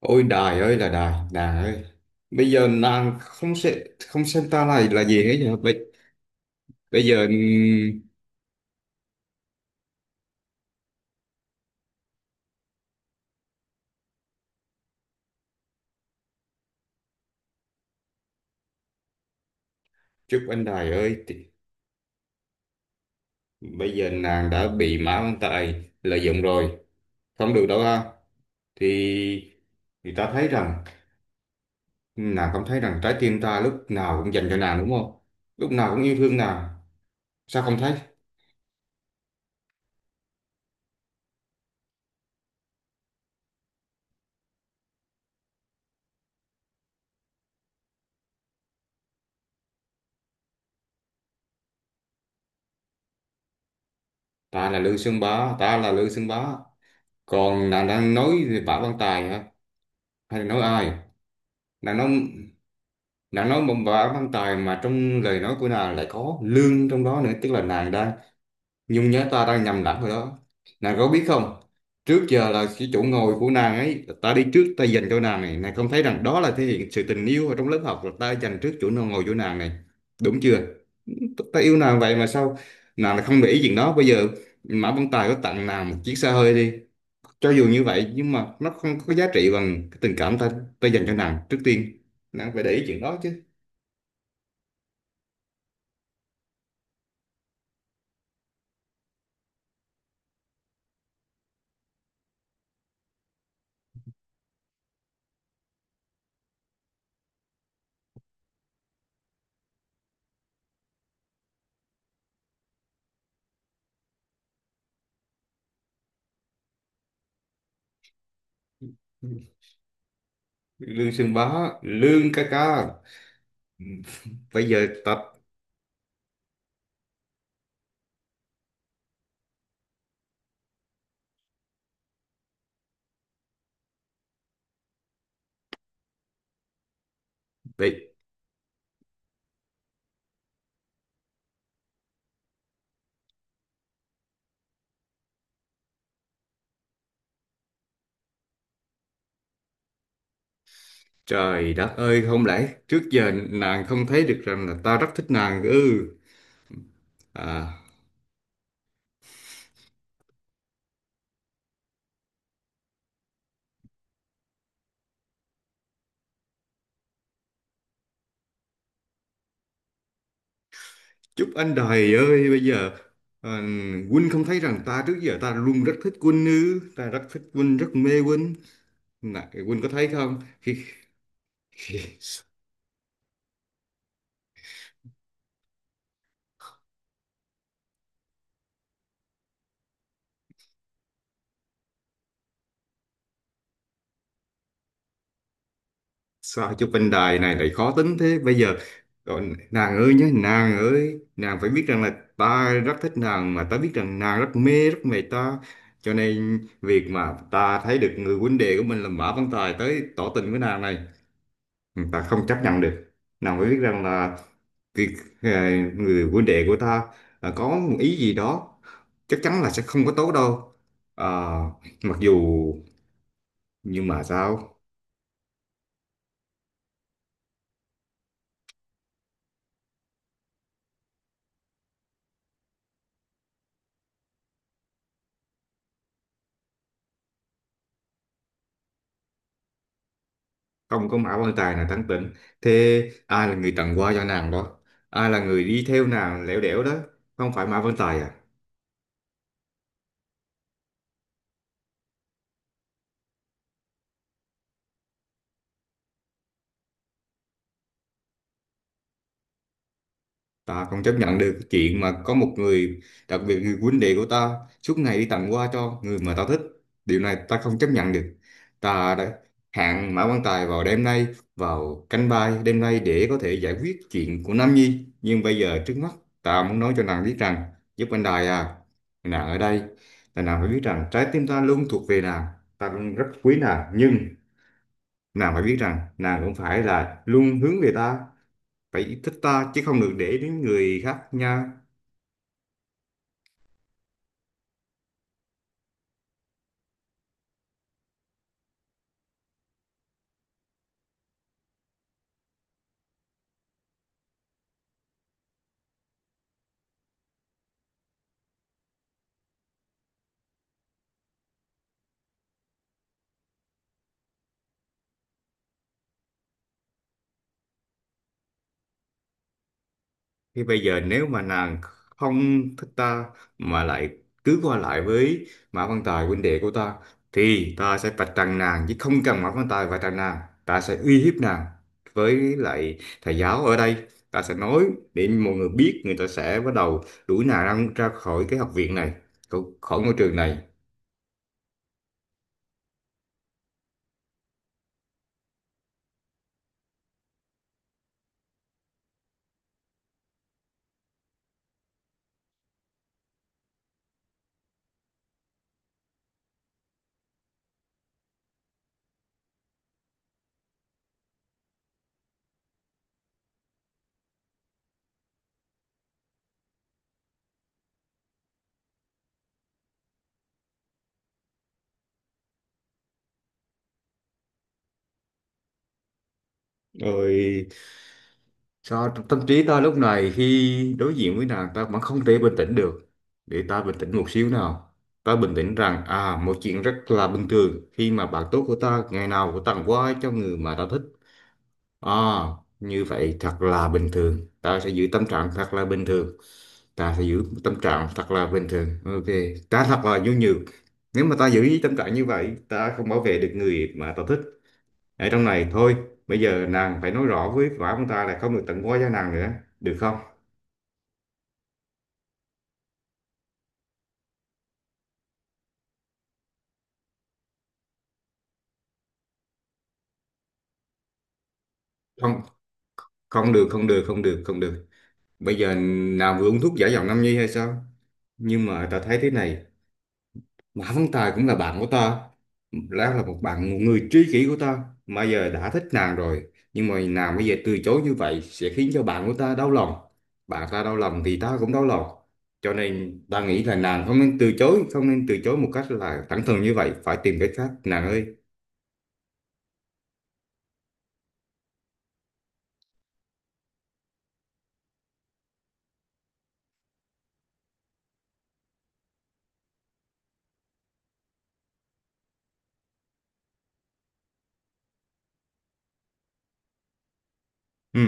Ôi đài ơi là đài, đài ơi. Bây giờ nàng không sẽ không xem ta này là gì hết nhỉ? Bây giờ chúc anh đài ơi, thì bây giờ nàng đã bị Mã Văn Tài lợi dụng rồi, không được đâu ha. Thì thì ta thấy rằng nàng không thấy rằng trái tim ta lúc nào cũng dành cho nàng đúng không? Lúc nào cũng yêu thương nàng. Sao không thấy? Ta là Lương Sơn Bá, ta là Lương Sơn Bá. Còn nàng đang nói về Mã Văn Tài hả? Hay là nói ai? nàng nói nàng nói một bà văn tài mà trong lời nói của nàng lại có lương trong đó nữa, tức là nàng đang nhung nhớ, ta đang nhầm lẫn rồi đó. Nàng có biết không, trước giờ là cái chỗ ngồi của nàng ấy ta đi trước ta dành cho nàng này, nàng không thấy rằng đó là thể hiện sự tình yêu ở trong lớp học, là ta dành trước chỗ ngồi của nàng này, đúng chưa? Tao yêu nàng vậy mà sao nàng lại không để ý chuyện đó? Bây giờ Mã Văn Tài có tặng nàng một chiếc xe hơi đi, cho dù như vậy nhưng mà nó không có giá trị bằng cái tình cảm ta ta dành cho nàng trước tiên, nàng phải để ý chuyện đó chứ. Lương Sương Bá, Lương ca ca, bây giờ tập vậy. Trời đất ơi, không lẽ trước giờ nàng không thấy được rằng là ta rất thích nàng ư? À, chúc anh đài ơi bây giờ, à, Quân không thấy rằng ta trước giờ ta luôn rất thích Quân ư? Ta rất thích Quân, rất mê Quân này, Quân có thấy không? Khi- Sao chúc anh đài này lại khó tính thế? Bây giờ còn nàng ơi nhé, nàng ơi, nàng phải biết rằng là ta rất thích nàng mà, ta biết rằng nàng rất mê ta, cho nên việc mà ta thấy được người huynh đệ của mình là Mã Văn Tài tới tỏ tình với nàng này, ta không chấp nhận được. Nàng phải biết rằng là, thì người huynh đệ của ta, có một ý gì đó chắc chắn là sẽ không có tốt đâu. à, Mặc dù nhưng mà sao, không có mã quan tài nào thắng tỉnh thế? Ai là người tặng hoa cho nàng đó? Ai là người đi theo nàng lẻo đẻo đó? Không phải mã quan tài à? Ta không chấp nhận được cái chuyện mà có một người, đặc biệt người huynh đệ của ta, suốt ngày đi tặng hoa cho người mà ta thích. Điều này ta không chấp nhận được. Ta đã hẹn Mã Quang Tài vào đêm nay, vào canh ba đêm nay để có thể giải quyết chuyện của Nam Nhi. Nhưng bây giờ trước mắt, ta muốn nói cho nàng biết rằng, giúp anh Đài à, nàng ở đây, là nàng phải biết rằng trái tim ta luôn thuộc về nàng. Ta luôn rất quý nàng, nhưng nàng phải biết rằng nàng cũng phải là luôn hướng về ta, phải thích ta chứ không được để đến người khác nha. Thì bây giờ nếu mà nàng không thích ta mà lại cứ qua lại với Mã Văn Tài huynh đệ của ta, thì ta sẽ vạch trần nàng chứ không cần Mã Văn Tài vạch trần nàng. Ta sẽ uy hiếp nàng với lại thầy giáo ở đây, ta sẽ nói để mọi người biết, người ta sẽ bắt đầu đuổi nàng ra, ra khỏi cái học viện này, khỏi khỏi ngôi trường này. Rồi, cho tâm trí ta lúc này khi đối diện với nàng ta vẫn không thể bình tĩnh được. Để ta bình tĩnh một xíu nào. Ta bình tĩnh rằng à, một chuyện rất là bình thường khi mà bạn tốt của ta ngày nào cũng tặng quà cho người mà ta thích. À, như vậy thật là bình thường. Ta sẽ giữ tâm trạng thật là bình thường. Ta sẽ giữ tâm trạng thật là bình thường. Ok. Ta thật là nhu nhược. Nếu mà ta giữ tâm trạng như vậy ta không bảo vệ được người mà ta thích ở trong này thôi. Bây giờ nàng phải nói rõ với quả ông ta là không được tặng quá giá nàng nữa, được không? Không, không được không được, bây giờ nàng vừa uống thuốc giả giọng Nam Nhi hay sao? Nhưng mà ta thấy thế này, Mã Văn Tài cũng là bạn của ta, Lão là một bạn, một người tri kỷ của ta mà giờ đã thích nàng rồi, nhưng mà nàng bây giờ từ chối như vậy sẽ khiến cho bạn của ta đau lòng. Bạn ta đau lòng thì ta cũng đau lòng, cho nên ta nghĩ là nàng không nên từ chối, không nên từ chối một cách là thẳng thừng như vậy, phải tìm cách khác nàng ơi. Ừ.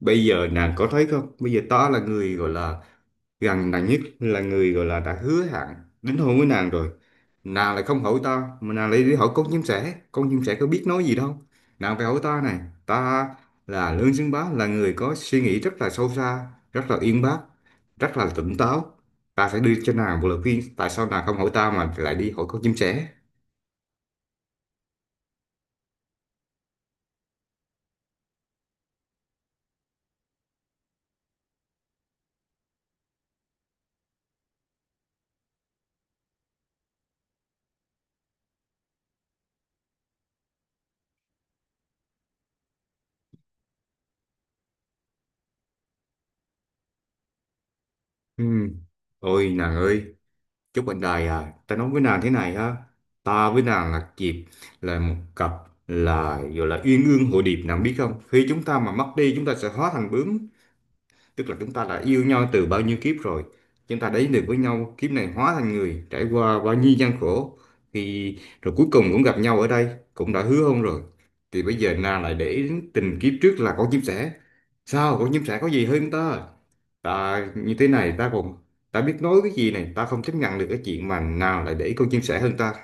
Bây giờ nàng có thấy không? Bây giờ ta là người gọi là gần nàng nhất, là người gọi là đã hứa hẹn đính hôn với nàng rồi. Nàng lại không hỏi ta mà nàng lại đi hỏi con chim sẻ. Con chim sẻ có biết nói gì đâu. Nàng phải hỏi ta này. Ta là Lương Xứng Bá, là người có suy nghĩ rất là sâu xa, rất là uyên bác, rất là tỉnh táo. Ta sẽ đưa cho nàng một lời khuyên. Tại sao nàng không hỏi ta mà lại đi hỏi con chim sẻ? Ừ. Ôi nàng ơi! Chúc bạn đời à, ta nói với nàng thế này ha, ta với nàng là dịp, là một cặp, là gọi là uyên ương hội điệp, nàng biết không, khi chúng ta mà mất đi chúng ta sẽ hóa thành bướm, tức là chúng ta đã yêu nhau từ bao nhiêu kiếp rồi. Chúng ta đến được với nhau kiếp này, hóa thành người, trải qua bao nhiêu gian khổ thì rồi cuối cùng cũng gặp nhau ở đây, cũng đã hứa hôn rồi. Thì bây giờ nàng lại để tình kiếp trước là con chim sẻ, sao con chim sẻ có gì hơn ta? Ta như thế này ta còn, ta biết nói cái gì này, ta không chấp nhận được cái chuyện mà nàng lại để con chim sẻ hơn ta.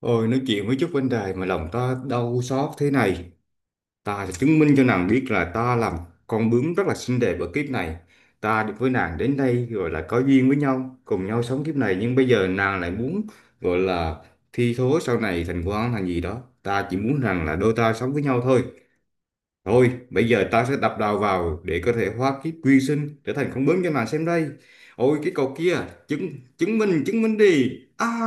Ôi, nói chuyện với chút vấn đề mà lòng ta đau xót thế này. Ta sẽ chứng minh cho nàng biết là ta là một con bướm rất là xinh đẹp ở kiếp này. Ta được với nàng đến đây gọi là có duyên với nhau, cùng nhau sống kiếp này. Nhưng bây giờ nàng lại muốn gọi là thi thố sau này thành quan thành gì đó. Ta chỉ muốn rằng là đôi ta sống với nhau thôi. Thôi, bây giờ ta sẽ đập đầu vào để có thể hóa kiếp quy sinh trở thành con bướm cho nàng xem đây. Ôi cái cậu kia, chứng chứng minh đi. À!